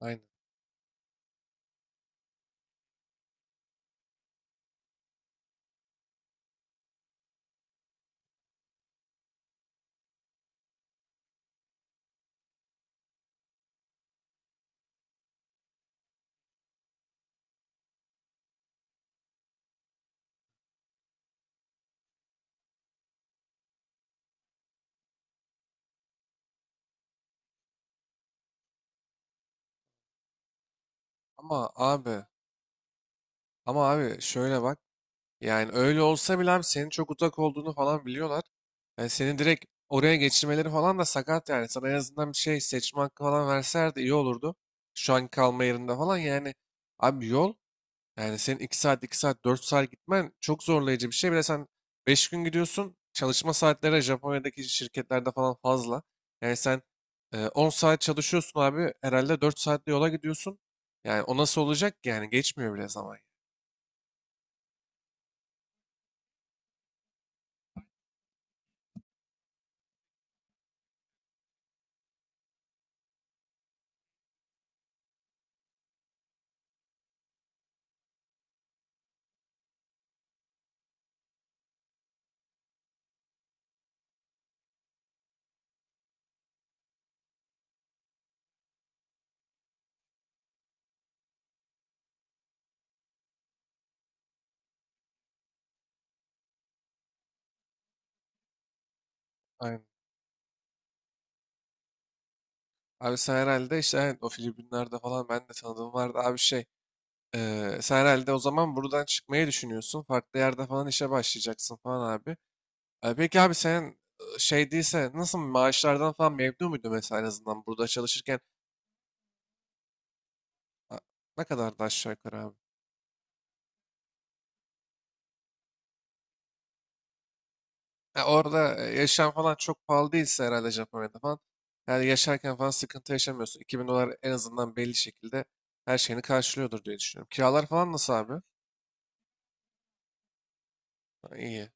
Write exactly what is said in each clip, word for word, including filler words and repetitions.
Aynen. Ama abi, ama abi şöyle bak. Yani öyle olsa bile abi senin çok uzak olduğunu falan biliyorlar. Yani seni direkt oraya geçirmeleri falan da sakat yani. Sana en azından bir şey seçme hakkı falan verseler de iyi olurdu. Şu anki kalma yerinde falan yani. Abi yol. Yani senin iki saat, iki saat, dört saat gitmen çok zorlayıcı bir şey. Bir de sen beş gün gidiyorsun. Çalışma saatleri Japonya'daki şirketlerde falan fazla. Yani sen e, on saat çalışıyorsun abi. Herhalde dört saatte yola gidiyorsun. Yani o nasıl olacak ki? Yani geçmiyor bile zaman. Aynen. Abi sen herhalde işte evet, o Filipinler'de falan ben de tanıdığım vardı abi şey. e, sen herhalde o zaman buradan çıkmayı düşünüyorsun. Farklı yerde falan işe başlayacaksın falan abi. E, peki abi senin e, şey değilse nasıl maaşlardan falan memnun muydun mesela en azından burada çalışırken. Ha, ne kadardı aşağı yukarı abi? Ha, orada e, yaşam falan çok pahalı değilse herhalde Japonya'da falan. Yani yaşarken falan sıkıntı yaşamıyorsun. iki bin dolar en azından belli şekilde her şeyini karşılıyordur diye düşünüyorum. Kiralar falan nasıl abi? Ha, iyi.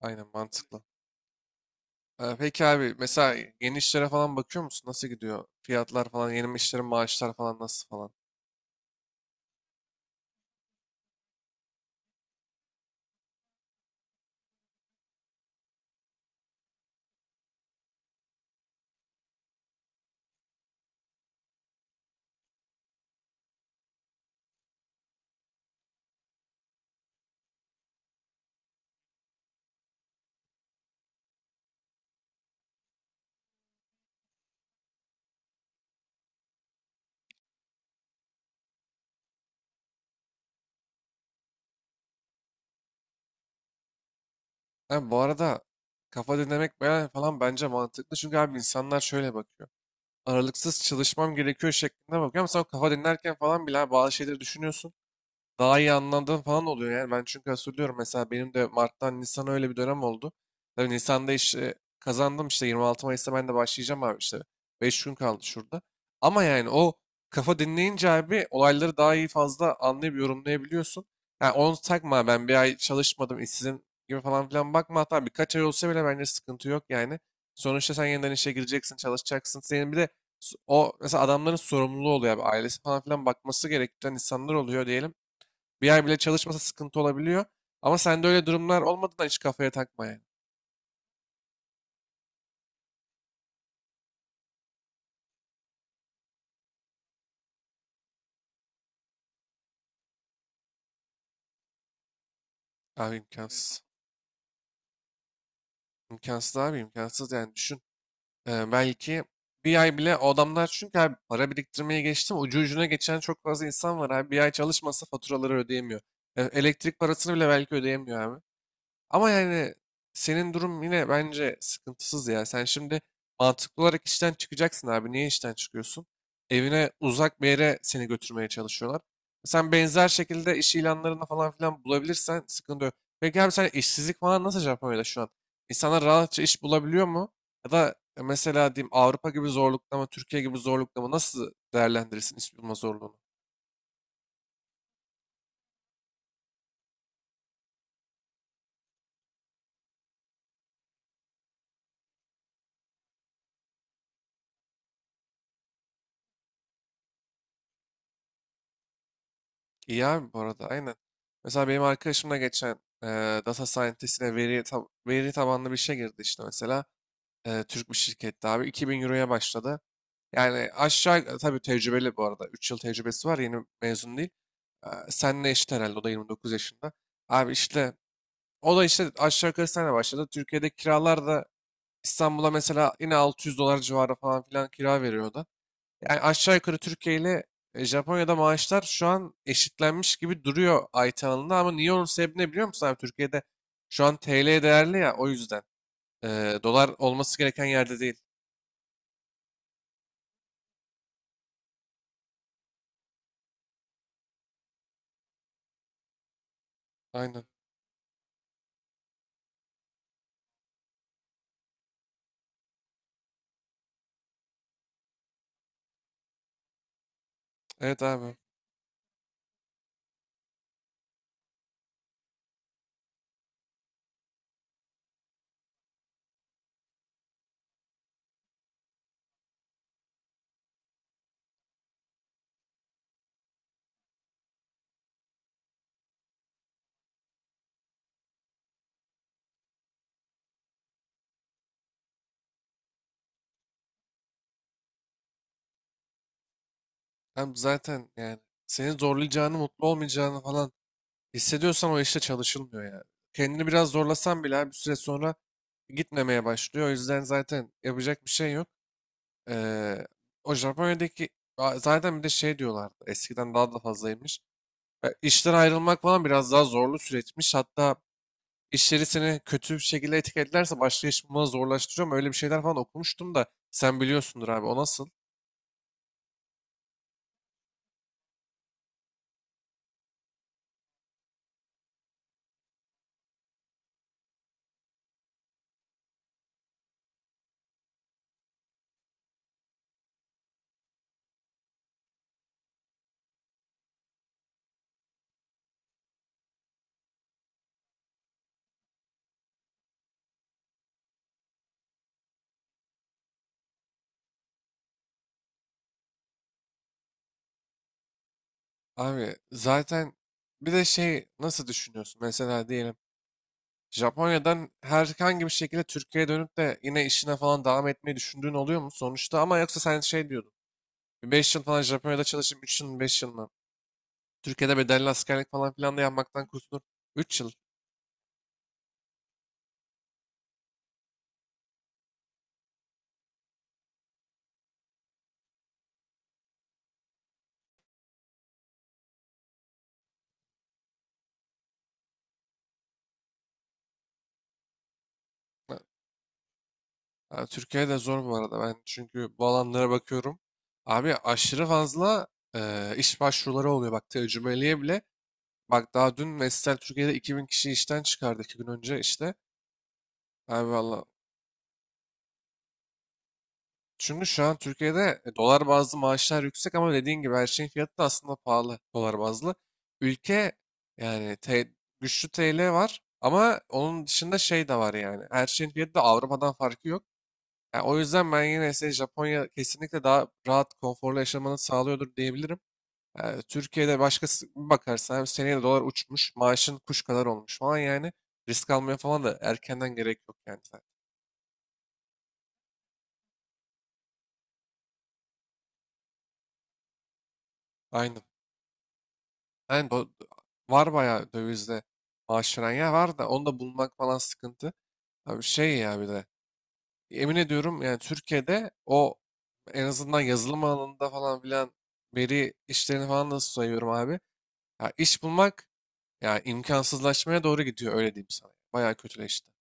Aynen mantıklı. E, peki abi mesela yeni işlere falan bakıyor musun? Nasıl gidiyor? Fiyatlar falan, yeni işlerin maaşlar falan nasıl falan? Abi bu arada kafa dinlemek ben- falan bence mantıklı. Çünkü abi insanlar şöyle bakıyor. Aralıksız çalışmam gerekiyor şeklinde bakıyor. Ama sen o kafa dinlerken falan bile abi bazı şeyleri düşünüyorsun, daha iyi anladığım falan oluyor yani. Ben çünkü hatırlıyorum mesela benim de Mart'tan Nisan'a öyle bir dönem oldu. Tabii Nisan'da işte kazandım, işte yirmi altı Mayıs'ta ben de başlayacağım abi işte. beş gün kaldı şurada. Ama yani o kafa dinleyince abi olayları daha iyi fazla anlayıp yorumlayabiliyorsun. Yani onu takma, ben bir ay çalışmadım işsizim gibi falan filan bakma, hatta birkaç ay olsa bile bence sıkıntı yok yani. Sonuçta sen yeniden işe gireceksin, çalışacaksın. Senin bir de s- o mesela adamların sorumluluğu oluyor abi. Ailesi falan filan bakması gereken insanlar oluyor diyelim. Bir ay bile çalışmasa sıkıntı olabiliyor. Ama sende öyle durumlar olmadığından hiç kafaya takma yani. Abi imkansız. İmkansız abi, imkansız yani düşün. Ee, belki bir ay bile o adamlar çünkü abi para biriktirmeye geçtim. Ucu ucuna geçen çok fazla insan var abi. Bir ay çalışmasa faturaları ödeyemiyor. E, elektrik parasını bile belki ödeyemiyor abi. Ama yani senin durum yine bence sıkıntısız ya. Sen şimdi mantıklı olarak işten çıkacaksın abi. Niye işten çıkıyorsun? Evine uzak bir yere seni götürmeye çalışıyorlar. Sen benzer şekilde iş ilanlarında falan filan bulabilirsen sıkıntı yok. Peki abi sen işsizlik falan nasıl Japonya'da şu an? İnsanlar rahatça iş bulabiliyor mu? Ya da mesela diyeyim, Avrupa gibi zorlukta mı, Türkiye gibi zorlukta mı, nasıl değerlendirirsin iş bulma zorluğunu? İyi abi bu arada aynen. Mesela benim arkadaşımla geçen e, data scientist'ine veri, tab- veri tabanlı bir şey girdi işte mesela. E, Türk bir şirkette abi iki bin euroya başladı. Yani aşağı e, tabii tecrübeli bu arada. Üç yıl tecrübesi var, yeni mezun değil. E, senle eşit herhalde, o da yirmi dokuz yaşında. Abi işte o da işte aşağı yukarı senle başladı. Türkiye'de kiralar da İstanbul'a mesela yine altı yüz dolar civarı falan filan kira veriyordu. Yani aşağı yukarı Türkiye ile e, Japonya'da maaşlar şu an eşitlenmiş gibi duruyor ay alanında, ama niye, onun sebebi ne biliyor musun abi? Türkiye'de şu an T L değerli ya, o yüzden. Ee, dolar olması gereken yerde değil. Aynen. Evet abi. Hem zaten yani seni zorlayacağını, mutlu olmayacağını falan hissediyorsan o işte çalışılmıyor yani. Kendini biraz zorlasan bile abi bir süre sonra gitmemeye başlıyor. O yüzden zaten yapacak bir şey yok. Ee, o Japonya'daki, aa, zaten bir de şey diyorlardı. Eskiden daha da fazlaymış. E, işten ayrılmak falan biraz daha zorlu süreçmiş. Hatta işleri seni kötü bir şekilde etiketlerse başka iş bulmanı zorlaştırıyor mu? Öyle bir şeyler falan okumuştum da sen biliyorsundur abi, o nasıl? Abi zaten bir de şey nasıl düşünüyorsun? Mesela diyelim Japonya'dan herhangi bir şekilde Türkiye'ye dönüp de yine işine falan devam etmeyi düşündüğün oluyor mu sonuçta? Ama yoksa sen şey diyordun. Beş yıl falan Japonya'da çalışıp üç yıl beş yıl mı? Türkiye'de bedelli askerlik falan filan da yapmaktan kurtulur. Üç yıl. Ha, Türkiye'de zor bu arada. Ben çünkü bu alanlara bakıyorum. Abi aşırı fazla e, iş başvuruları oluyor. Bak tecrübeliye bile. Bak daha dün Vestel Türkiye'de iki bin kişi işten çıkardı, iki gün önce işte. Abi valla. Çünkü şu an Türkiye'de e, dolar bazlı maaşlar yüksek ama dediğin gibi her şeyin fiyatı da aslında pahalı, dolar bazlı. Ülke yani te- güçlü T L var ama onun dışında şey de var yani. Her şeyin fiyatı da Avrupa'dan farkı yok. Yani o yüzden ben yine size Japonya kesinlikle daha rahat, konforlu yaşamanı sağlıyordur diyebilirim. Yani Türkiye'de başkası bir bakarsan hem seneye de dolar uçmuş, maaşın kuş kadar olmuş falan yani. Risk almaya falan da erkenden gerek yok yani. Zaten. Aynen. Yani do- var bayağı dövizde maaş veren yer var da onu da bulmak falan sıkıntı. Abi şey ya bir de emin ediyorum yani Türkiye'de o en azından yazılım alanında falan filan veri işlerini falan nasıl sayıyorum abi. Ya iş bulmak, ya imkansızlaşmaya doğru gidiyor, öyle diyeyim sana. Bayağı kötüleşti.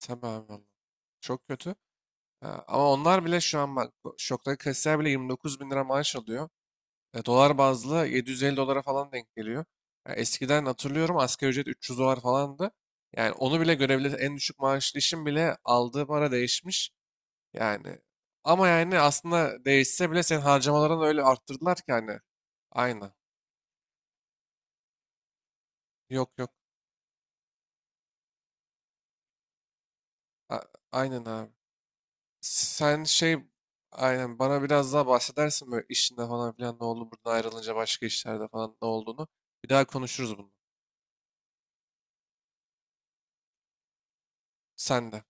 Tabii abi vallahi. Çok kötü. Ha, ama onlar bile şu an bak, bu şoktaki kasiyer bile yirmi dokuz bin lira maaş alıyor. E, dolar bazlı yedi yüz elli dolara falan denk geliyor. Ya eskiden hatırlıyorum asgari ücret üç yüz dolar falandı. Yani onu bile görebilir. En düşük maaşlı işin bile aldığı para değişmiş. Yani ama yani aslında değişse bile senin harcamalarını öyle arttırdılar ki hani. Aynen. Yok yok. A- aynen abi. Sen şey aynen bana biraz daha bahsedersin böyle işinde falan filan ne oldu buradan ayrılınca, başka işlerde falan ne olduğunu. Bir daha konuşuruz bunu. Sen de.